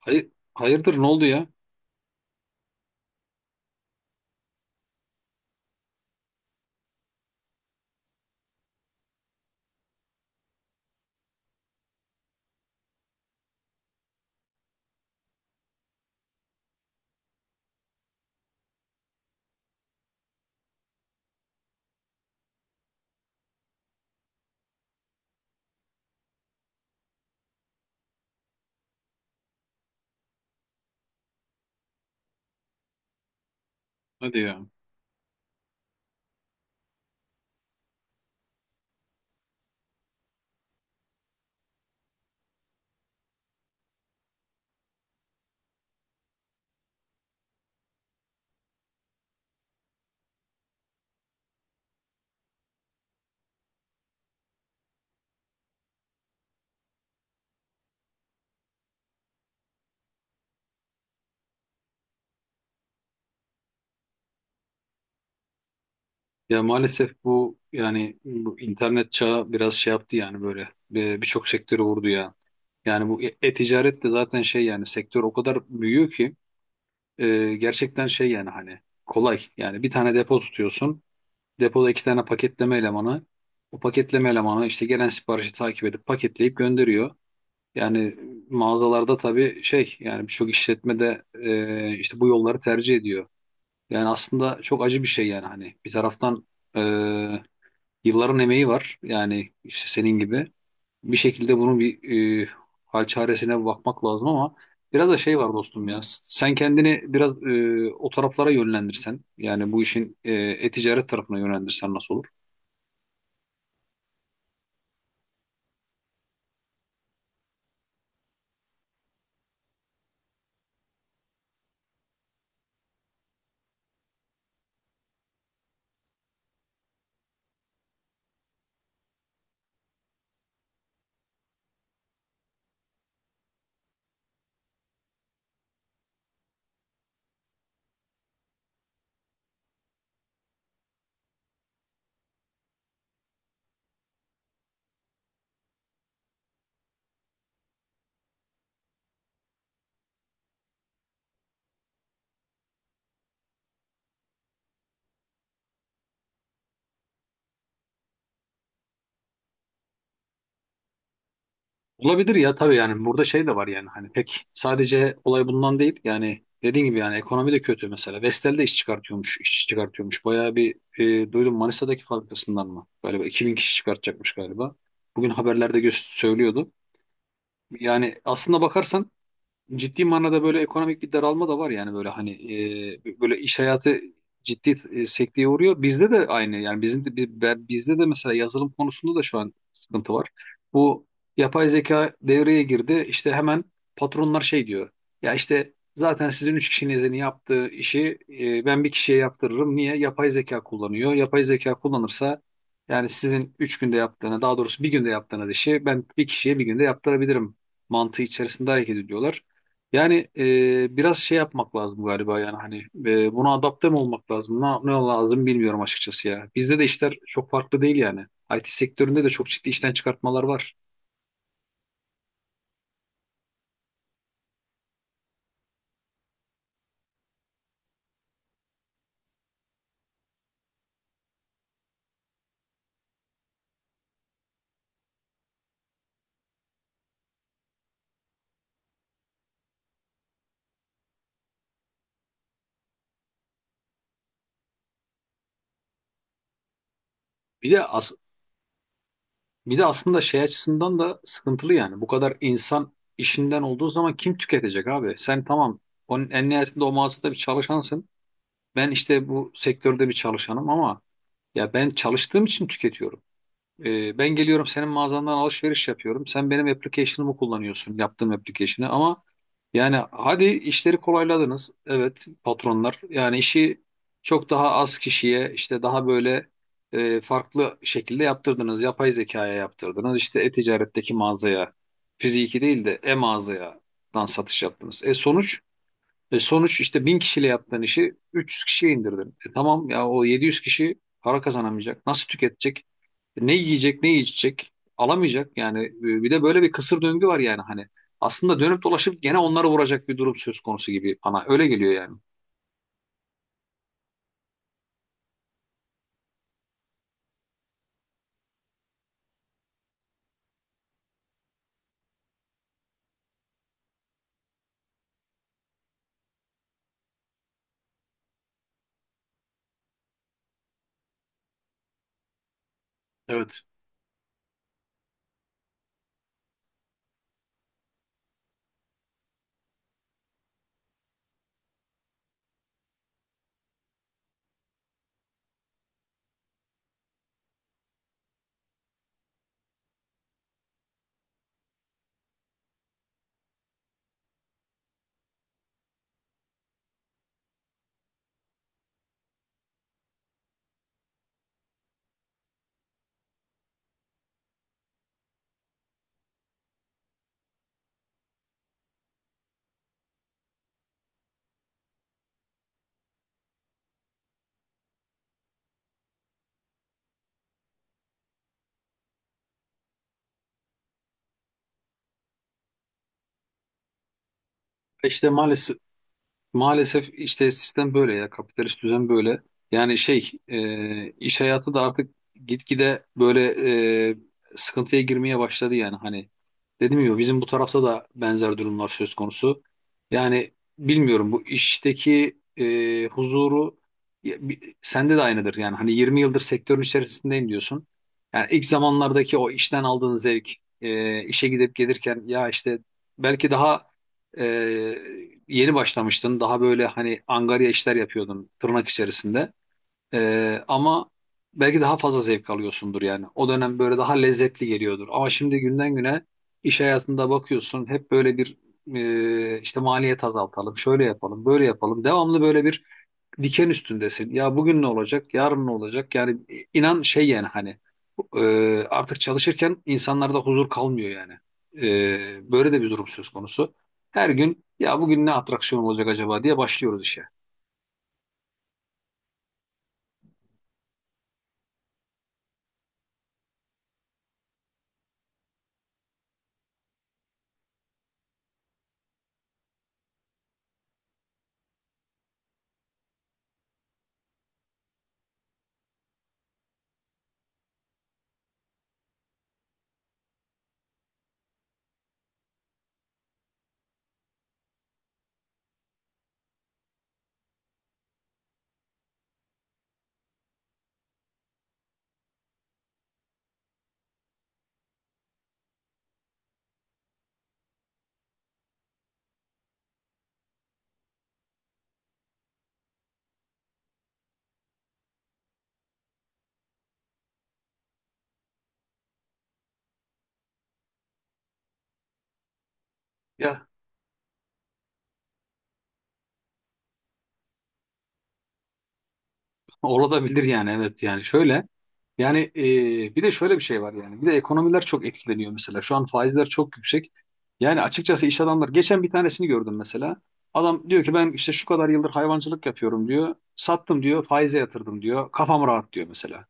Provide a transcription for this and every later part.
Hayır, hayırdır ne oldu ya? Hadi ya. Ya maalesef bu yani bu internet çağı biraz şey yaptı yani böyle birçok sektörü vurdu ya. Yani bu e-ticaret de zaten şey yani sektör o kadar büyüyor ki gerçekten şey yani hani kolay. Yani bir tane depo tutuyorsun. Depoda iki tane paketleme elemanı. O paketleme elemanı işte gelen siparişi takip edip paketleyip gönderiyor. Yani mağazalarda tabii şey yani birçok işletmede işte bu yolları tercih ediyor. Yani aslında çok acı bir şey yani hani bir taraftan e, yılların emeği var yani işte senin gibi bir şekilde bunun bir e, hal çaresine bakmak lazım ama biraz da şey var dostum ya sen kendini biraz o taraflara yönlendirsen yani bu işin e-ticaret tarafına yönlendirsen nasıl olur? Olabilir ya tabii yani burada şey de var yani hani pek sadece olay bundan değil yani dediğin gibi yani ekonomi de kötü mesela. Vestel de iş çıkartıyormuş, iş çıkartıyormuş. Bayağı bir duydum Manisa'daki fabrikasından mı? Galiba 2.000 kişi çıkartacakmış galiba. Bugün haberlerde söylüyordu. Yani aslında bakarsan ciddi manada böyle ekonomik bir daralma da var yani böyle hani böyle iş hayatı ciddi sekteye uğruyor. Bizde de aynı yani bizim de bizde de mesela yazılım konusunda da şu an sıkıntı var. Bu yapay zeka devreye girdi. İşte hemen patronlar şey diyor. Ya işte zaten sizin üç kişinin yaptığı işi ben bir kişiye yaptırırım. Niye? Yapay zeka kullanıyor. Yapay zeka kullanırsa yani sizin üç günde yaptığını, daha doğrusu bir günde yaptığınız işi ben bir kişiye bir günde yaptırabilirim mantığı içerisinde hareket ediyorlar. Yani biraz şey yapmak lazım galiba yani hani buna adapte mi olmak lazım? Ne lazım bilmiyorum açıkçası ya. Bizde de işler çok farklı değil yani. IT sektöründe de çok ciddi işten çıkartmalar var. Bir de as Bir de aslında şey açısından da sıkıntılı yani. Bu kadar insan işinden olduğu zaman kim tüketecek abi? Sen tamam onun en nihayetinde o mağazada bir çalışansın. Ben işte bu sektörde bir çalışanım ama ya ben çalıştığım için tüketiyorum. Ben geliyorum senin mağazandan alışveriş yapıyorum. Sen benim application'ımı kullanıyorsun, yaptığım application'ı ama yani hadi işleri kolayladınız. Evet patronlar yani işi çok daha az kişiye işte daha böyle farklı şekilde yaptırdınız. Yapay zekaya yaptırdınız. İşte e-ticaretteki mağazaya, fiziki değil de e-mağazaya dan satış yaptınız. Sonuç işte 1.000 kişiyle yaptığın işi 300 kişiye indirdin. Tamam ya o 700 kişi para kazanamayacak. Nasıl tüketecek? Ne yiyecek, ne içecek? Alamayacak yani. Bir de böyle bir kısır döngü var yani hani. Aslında dönüp dolaşıp gene onları vuracak bir durum söz konusu gibi bana. Öyle geliyor yani. Evet. İşte maalesef Maalesef işte sistem böyle ya kapitalist düzen böyle. Yani şey iş hayatı da artık gitgide böyle e, sıkıntıya girmeye başladı yani hani dedim ya bizim bu tarafta da benzer durumlar söz konusu. Yani bilmiyorum bu işteki huzuru ya, sende de aynıdır yani hani 20 yıldır sektörün içerisindeyim diyorsun. Yani ilk zamanlardaki o işten aldığın zevk işe gidip gelirken ya işte belki daha ee, yeni başlamıştın. Daha böyle hani angarya işler yapıyordun tırnak içerisinde. Ama belki daha fazla zevk alıyorsundur yani. O dönem böyle daha lezzetli geliyordur. Ama şimdi günden güne iş hayatında bakıyorsun hep böyle bir işte maliyet azaltalım, şöyle yapalım, böyle yapalım. Devamlı böyle bir diken üstündesin. Ya bugün ne olacak, yarın ne olacak? Yani inan şey yani hani e, artık çalışırken insanlarda huzur kalmıyor yani. Böyle de bir durum söz konusu. Her gün ya bugün ne atraksiyon olacak acaba diye başlıyoruz işe. Ya olabilir yani evet yani şöyle. Yani bir de şöyle bir şey var yani. Bir de ekonomiler çok etkileniyor mesela. Şu an faizler çok yüksek. Yani açıkçası iş adamlar geçen bir tanesini gördüm mesela. Adam diyor ki ben işte şu kadar yıldır hayvancılık yapıyorum diyor. Sattım diyor, faize yatırdım diyor. Kafam rahat diyor mesela.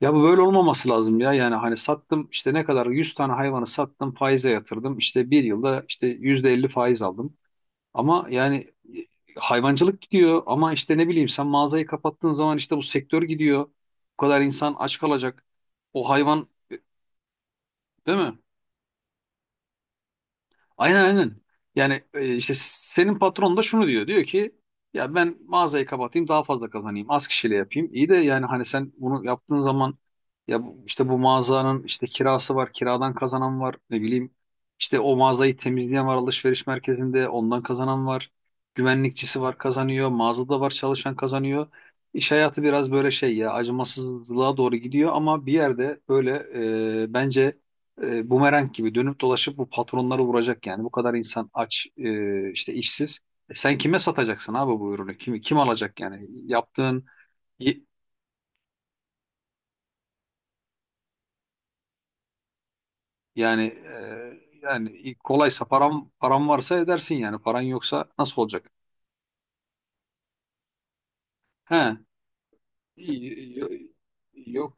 Ya bu böyle olmaması lazım ya. Yani hani sattım işte ne kadar 100 tane hayvanı sattım, faize yatırdım. İşte bir yılda işte %50 faiz aldım. Ama yani hayvancılık gidiyor ama işte ne bileyim sen mağazayı kapattığın zaman işte bu sektör gidiyor. Bu kadar insan aç kalacak. O hayvan değil mi? Aynen, aynen. Yani işte senin patron da şunu diyor. Diyor ki ya ben mağazayı kapatayım daha fazla kazanayım. Az kişiyle yapayım. İyi de yani hani sen bunu yaptığın zaman ya işte bu mağazanın işte kirası var. Kiradan kazanan var. Ne bileyim işte o mağazayı temizleyen var alışveriş merkezinde. Ondan kazanan var. Güvenlikçisi var kazanıyor. Mağazada var çalışan kazanıyor. İş hayatı biraz böyle şey ya acımasızlığa doğru gidiyor ama bir yerde böyle bence bumerang gibi dönüp dolaşıp bu patronları vuracak yani. Bu kadar insan aç, işte işsiz. Sen kime satacaksın abi bu ürünü? Kim alacak yani? Yaptığın y- yani yani kolaysa param varsa edersin yani. Paran yoksa nasıl olacak? He. Y- y- Yok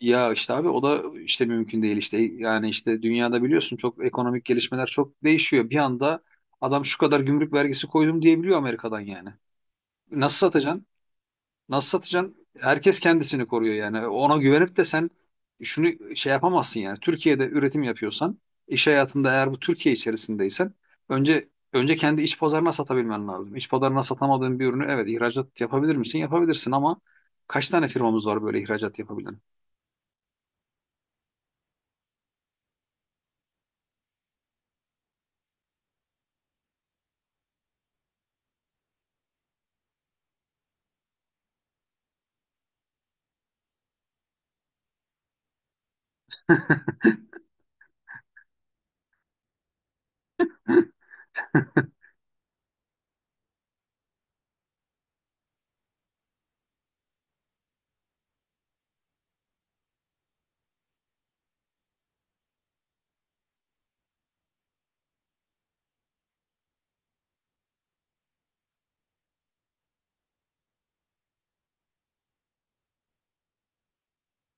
ya işte abi o da işte mümkün değil işte yani işte dünyada biliyorsun çok ekonomik gelişmeler çok değişiyor. Bir anda adam şu kadar gümrük vergisi koydum diyebiliyor Amerika'dan yani. Nasıl satacaksın? Nasıl satacaksın? Herkes kendisini koruyor yani. Ona güvenip de sen şunu şey yapamazsın yani. Türkiye'de üretim yapıyorsan, iş hayatında eğer bu Türkiye içerisindeysen önce kendi iç pazarına satabilmen lazım. İç pazarına satamadığın bir ürünü evet ihracat yapabilir misin? Yapabilirsin ama kaç tane firmamız var böyle ihracat yapabilen?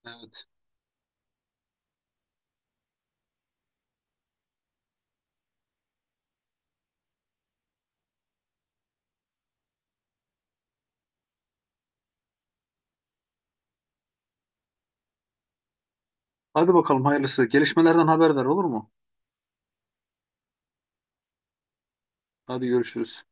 Evet. Hadi bakalım hayırlısı. Gelişmelerden haberdar olur mu? Hadi görüşürüz.